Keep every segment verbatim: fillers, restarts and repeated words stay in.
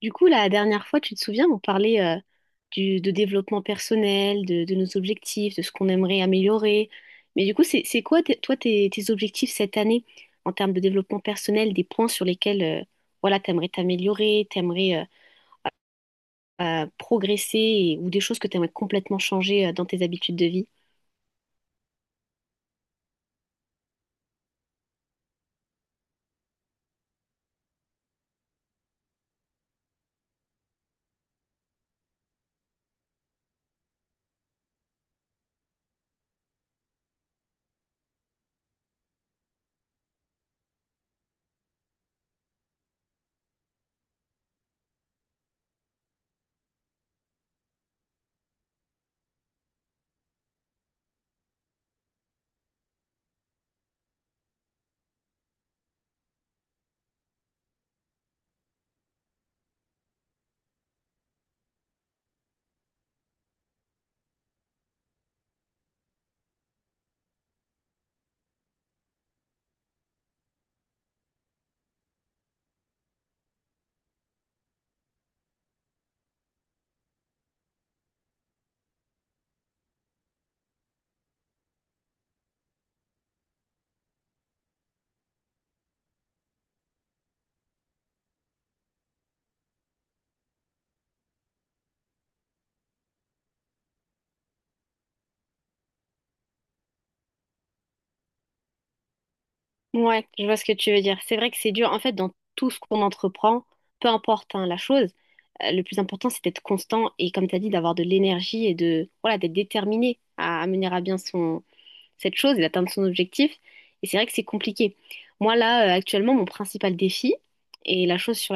Du coup, la dernière fois, tu te souviens, on parlait euh, du, de développement personnel, de, de nos objectifs, de ce qu'on aimerait améliorer. Mais du coup, c'est, c'est quoi, tes- toi, tes, tes objectifs cette année en termes de développement personnel, des points sur lesquels euh, voilà, tu aimerais t'améliorer, tu aimerais progresser et- ou des choses que tu aimerais complètement changer euh, dans tes habitudes de vie? Ouais, je vois ce que tu veux dire. C'est vrai que c'est dur. En fait, dans tout ce qu'on entreprend, peu importe hein, la chose, euh, le plus important, c'est d'être constant et, comme tu as dit, d'avoir de l'énergie et de, voilà, d'être déterminé à, à mener à bien son, cette chose et d'atteindre son objectif. Et c'est vrai que c'est compliqué. Moi, là, euh, actuellement, mon principal défi et la chose sur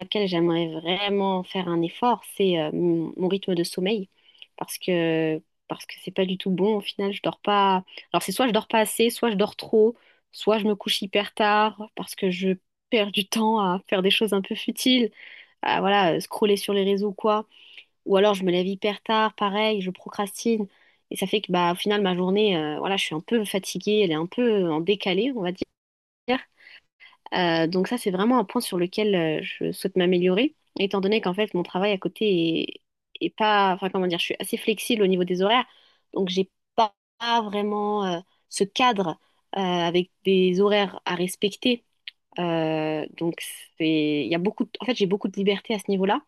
laquelle j'aimerais vraiment faire un effort, c'est euh, mon mon rythme de sommeil. Parce que, parce que c'est pas du tout bon. Au final, je dors pas. Alors, c'est soit je dors pas assez, soit je dors trop, soit je me couche hyper tard parce que je perds du temps à faire des choses un peu futiles, à voilà, euh, scroller sur les réseaux ou quoi. Ou alors, je me lève hyper tard, pareil, je procrastine. Et ça fait que, bah, au final, ma journée, euh, voilà, je suis un peu fatiguée, elle est un peu euh, en décalé, on va dire. Euh, donc ça, c'est vraiment un point sur lequel euh, je souhaite m'améliorer, étant donné qu'en fait, mon travail à côté est, est pas, enfin comment dire, je suis assez flexible au niveau des horaires, donc j'ai pas, pas vraiment euh, ce cadre euh, avec des horaires à respecter. Euh, donc c'est, il y a beaucoup de- en fait, j'ai beaucoup de liberté à ce niveau-là,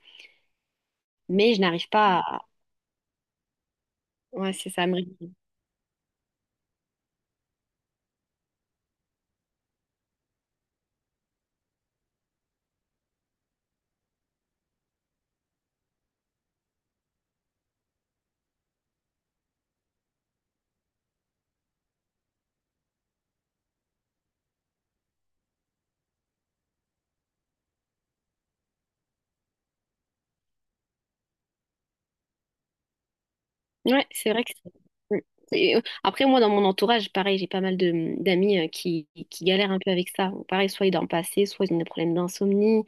mais je n'arrive pas à, ouais, c'est ça, à me. Ouais, c'est vrai que c'est- mm. C'est- Après, moi, dans mon entourage, pareil, j'ai pas mal de mmh, d'amis euh, qui, qui galèrent un peu avec ça. Bon, pareil, soit ils dorment pas assez, soit ils ont des problèmes d'insomnie.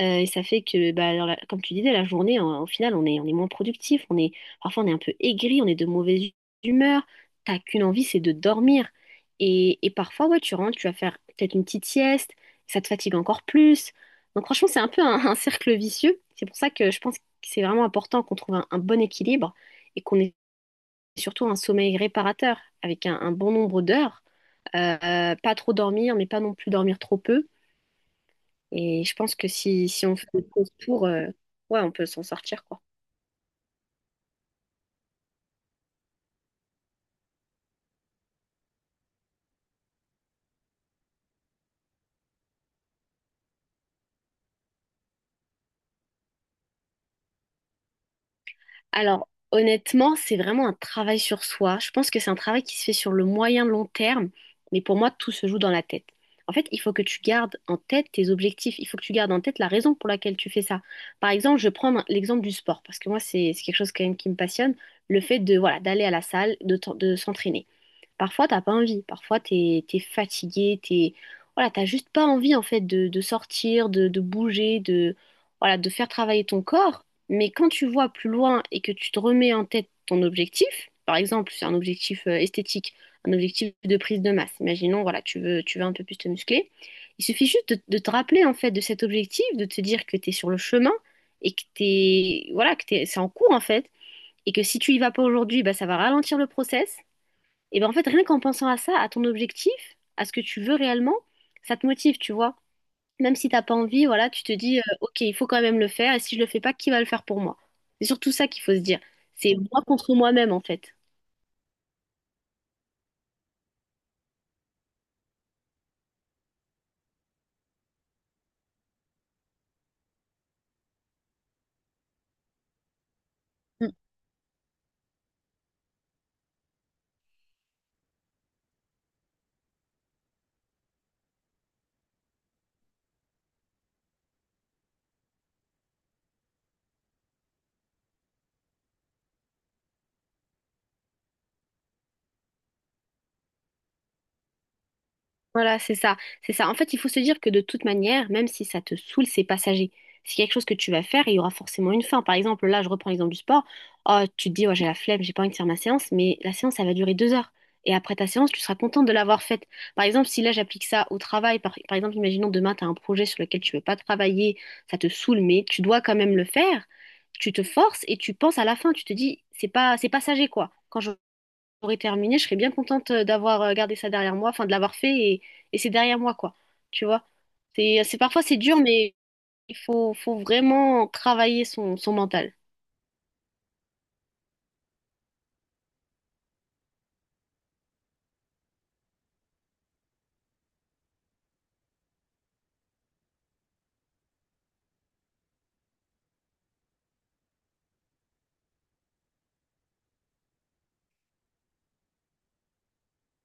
Euh, et ça fait que, bah, alors, la- comme tu disais, la journée, en- au final, on est, on est moins productif. On est, parfois, on est un peu aigri, on est de mauvaise hu- humeur. T'as qu'une envie, c'est de dormir. Et, et parfois, ouais, tu rentres, tu vas faire peut-être une petite sieste. Ça te fatigue encore plus. Donc, franchement, c'est un peu un, un cercle vicieux. C'est pour ça que je pense que c'est vraiment important qu'on trouve un un bon équilibre et qu'on surtout un sommeil réparateur avec un, un bon nombre d'heures. Euh, pas trop dormir, mais pas non plus dormir trop peu. Et je pense que si, si on fait des pauses pour, euh, ouais, on peut s'en sortir, quoi. Alors, honnêtement, c'est vraiment un travail sur soi. Je pense que c'est un travail qui se fait sur le moyen long terme, mais pour moi, tout se joue dans la tête. En fait, il faut que tu gardes en tête tes objectifs, il faut que tu gardes en tête la raison pour laquelle tu fais ça. Par exemple, je prends un- l'exemple du sport, parce que moi, c'est c'est quelque chose quand même qui me passionne, le fait de, voilà, d'aller à la salle, de, t- de s'entraîner. Parfois, t'as pas envie. Parfois, t'es, t'es fatigué, t'es, voilà, t'as juste pas envie, en fait, de, de sortir, de, de bouger, de, voilà, de faire travailler ton corps. Mais quand tu vois plus loin et que tu te remets en tête ton objectif, par exemple, c'est un objectif euh, esthétique, un objectif de prise de masse. Imaginons, voilà, tu veux, tu veux un peu plus te muscler. Il suffit juste de, de te rappeler, en fait, de cet objectif, de te dire que t'es sur le chemin et que t'es, voilà, que t'es, c'est en cours, en fait. Et que si tu y vas pas aujourd'hui, bah, ça va ralentir le process. Et ben en fait, rien qu'en pensant à ça, à ton objectif, à ce que tu veux réellement, ça te motive, tu vois. Même si t'as pas envie, voilà, tu te dis, euh, ok, il faut quand même le faire, et si je le fais pas, qui va le faire pour moi? C'est surtout ça qu'il faut se dire. C'est moi contre moi-même, en fait. Voilà, c'est ça, c'est ça. En fait, il faut se dire que de toute manière, même si ça te saoule, c'est passager. C'est quelque chose que tu vas faire et il y aura forcément une fin. Par exemple, là, je reprends l'exemple du sport. Oh, tu te dis, ouais, j'ai la flemme, j'ai pas envie de faire ma séance, mais la séance, elle va durer deux heures. Et après ta séance, tu seras contente de l'avoir faite. Par exemple, si là, j'applique ça au travail, par, par exemple, imaginons demain, tu as un projet sur lequel tu veux pas travailler, ça te saoule, mais tu dois quand même le faire. Tu te forces et tu penses à la fin, tu te dis, c'est pas, c'est passager, quoi. Quand je j'aurais terminé, je serais bien contente d'avoir euh, gardé ça derrière moi, enfin de l'avoir fait et, et c'est derrière moi quoi. Tu vois? C'est, c'est parfois c'est dur, mais il faut, faut vraiment travailler son, son mental.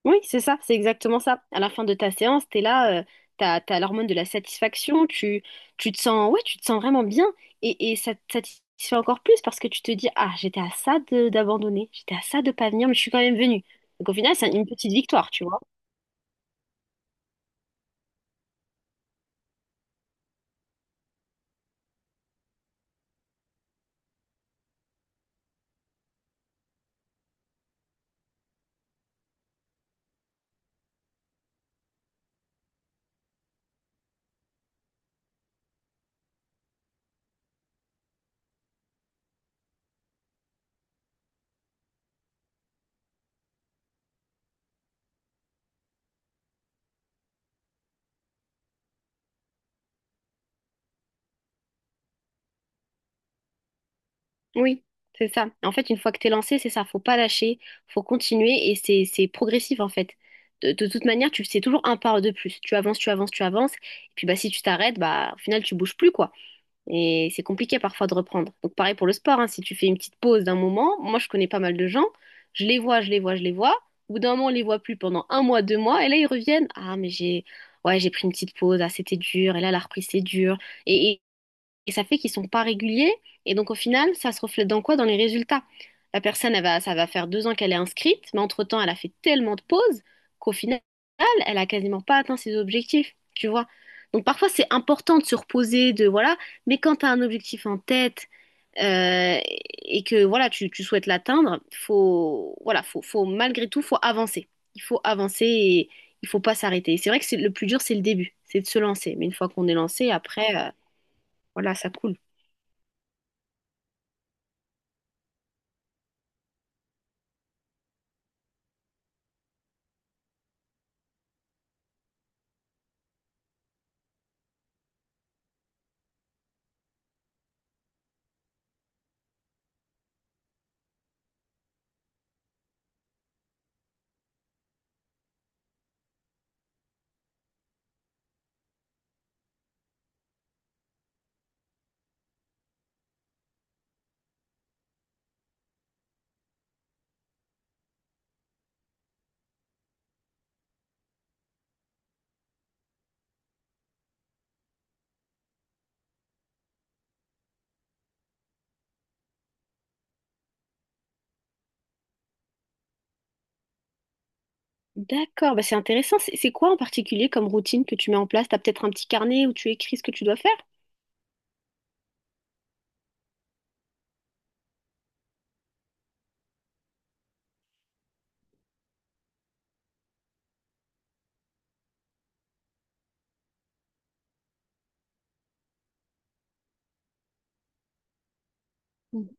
Oui, c'est ça, c'est exactement ça. À la fin de ta séance, t'es là, euh, t'as, t'as l'hormone de la satisfaction, tu, tu te sens, ouais, tu te sens vraiment bien et, et ça te satisfait encore plus parce que tu te dis, ah, j'étais à ça de- d'abandonner, j'étais à ça de pas venir, mais je suis quand même venue. Donc au final, c'est une petite victoire, tu vois. Oui, c'est ça. En fait, une fois que t'es lancé, c'est ça, faut pas lâcher, faut continuer et c'est c'est progressif en fait. De, de toute manière, tu c'est toujours un pas de plus. Tu avances, tu avances, tu avances. Et puis bah si tu t'arrêtes, bah au final tu bouges plus quoi. Et c'est compliqué parfois de reprendre. Donc pareil pour le sport, hein, si tu fais une petite pause d'un moment, moi je connais pas mal de gens, je les vois, je les vois, je les vois. Au bout d'un moment, on les voit plus pendant un mois, deux mois, et là ils reviennent. Ah mais j'ai ouais j'ai pris une petite pause, ah c'était dur, et là la reprise c'est dur. Et ça fait qu'ils sont pas réguliers. Et donc, au final, ça se reflète dans quoi? Dans les résultats. La personne, elle va, ça va faire deux ans qu'elle est inscrite, mais entre-temps, elle a fait tellement de pauses qu'au final, elle a quasiment pas atteint ses objectifs, tu vois. Donc, parfois, c'est important de se reposer, de voilà. Mais quand tu as un objectif en tête euh, et que voilà, tu, tu souhaites l'atteindre, faut voilà, faut, faut malgré tout, faut avancer. Il faut avancer et il faut pas s'arrêter. Et c'est vrai que c'est le plus dur, c'est le début, c'est de se lancer. Mais une fois qu'on est lancé, après, euh, voilà, ça coule. D'accord, bah c'est intéressant. C'est c'est quoi en particulier comme routine que tu mets en place? T'as peut-être un petit carnet où tu écris ce que tu dois faire? Mhm.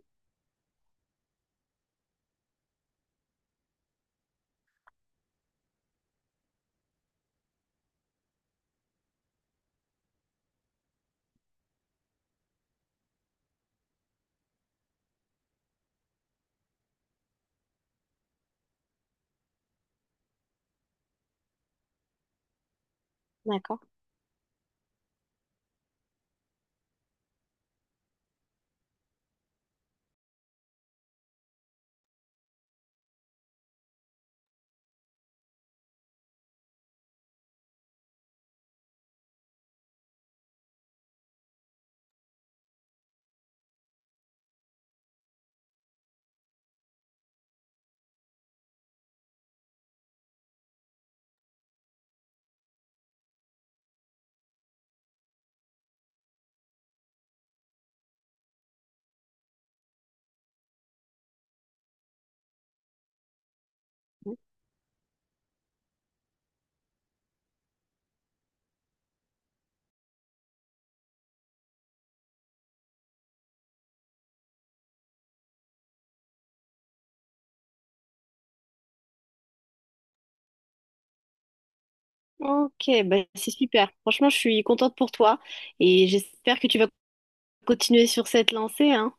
D'accord. Ok, bah c'est super. Franchement, je suis contente pour toi et j'espère que tu vas continuer sur cette lancée, hein.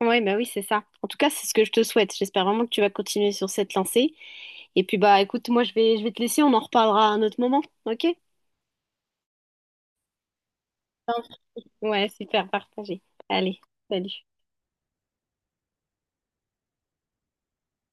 Ouais, bah oui, c'est ça. En tout cas, c'est ce que je te souhaite. J'espère vraiment que tu vas continuer sur cette lancée. Et puis, bah, écoute, moi, je vais, je vais te laisser. On en reparlera à un autre moment. OK? Enfin, ouais, super, partagé. Allez, salut.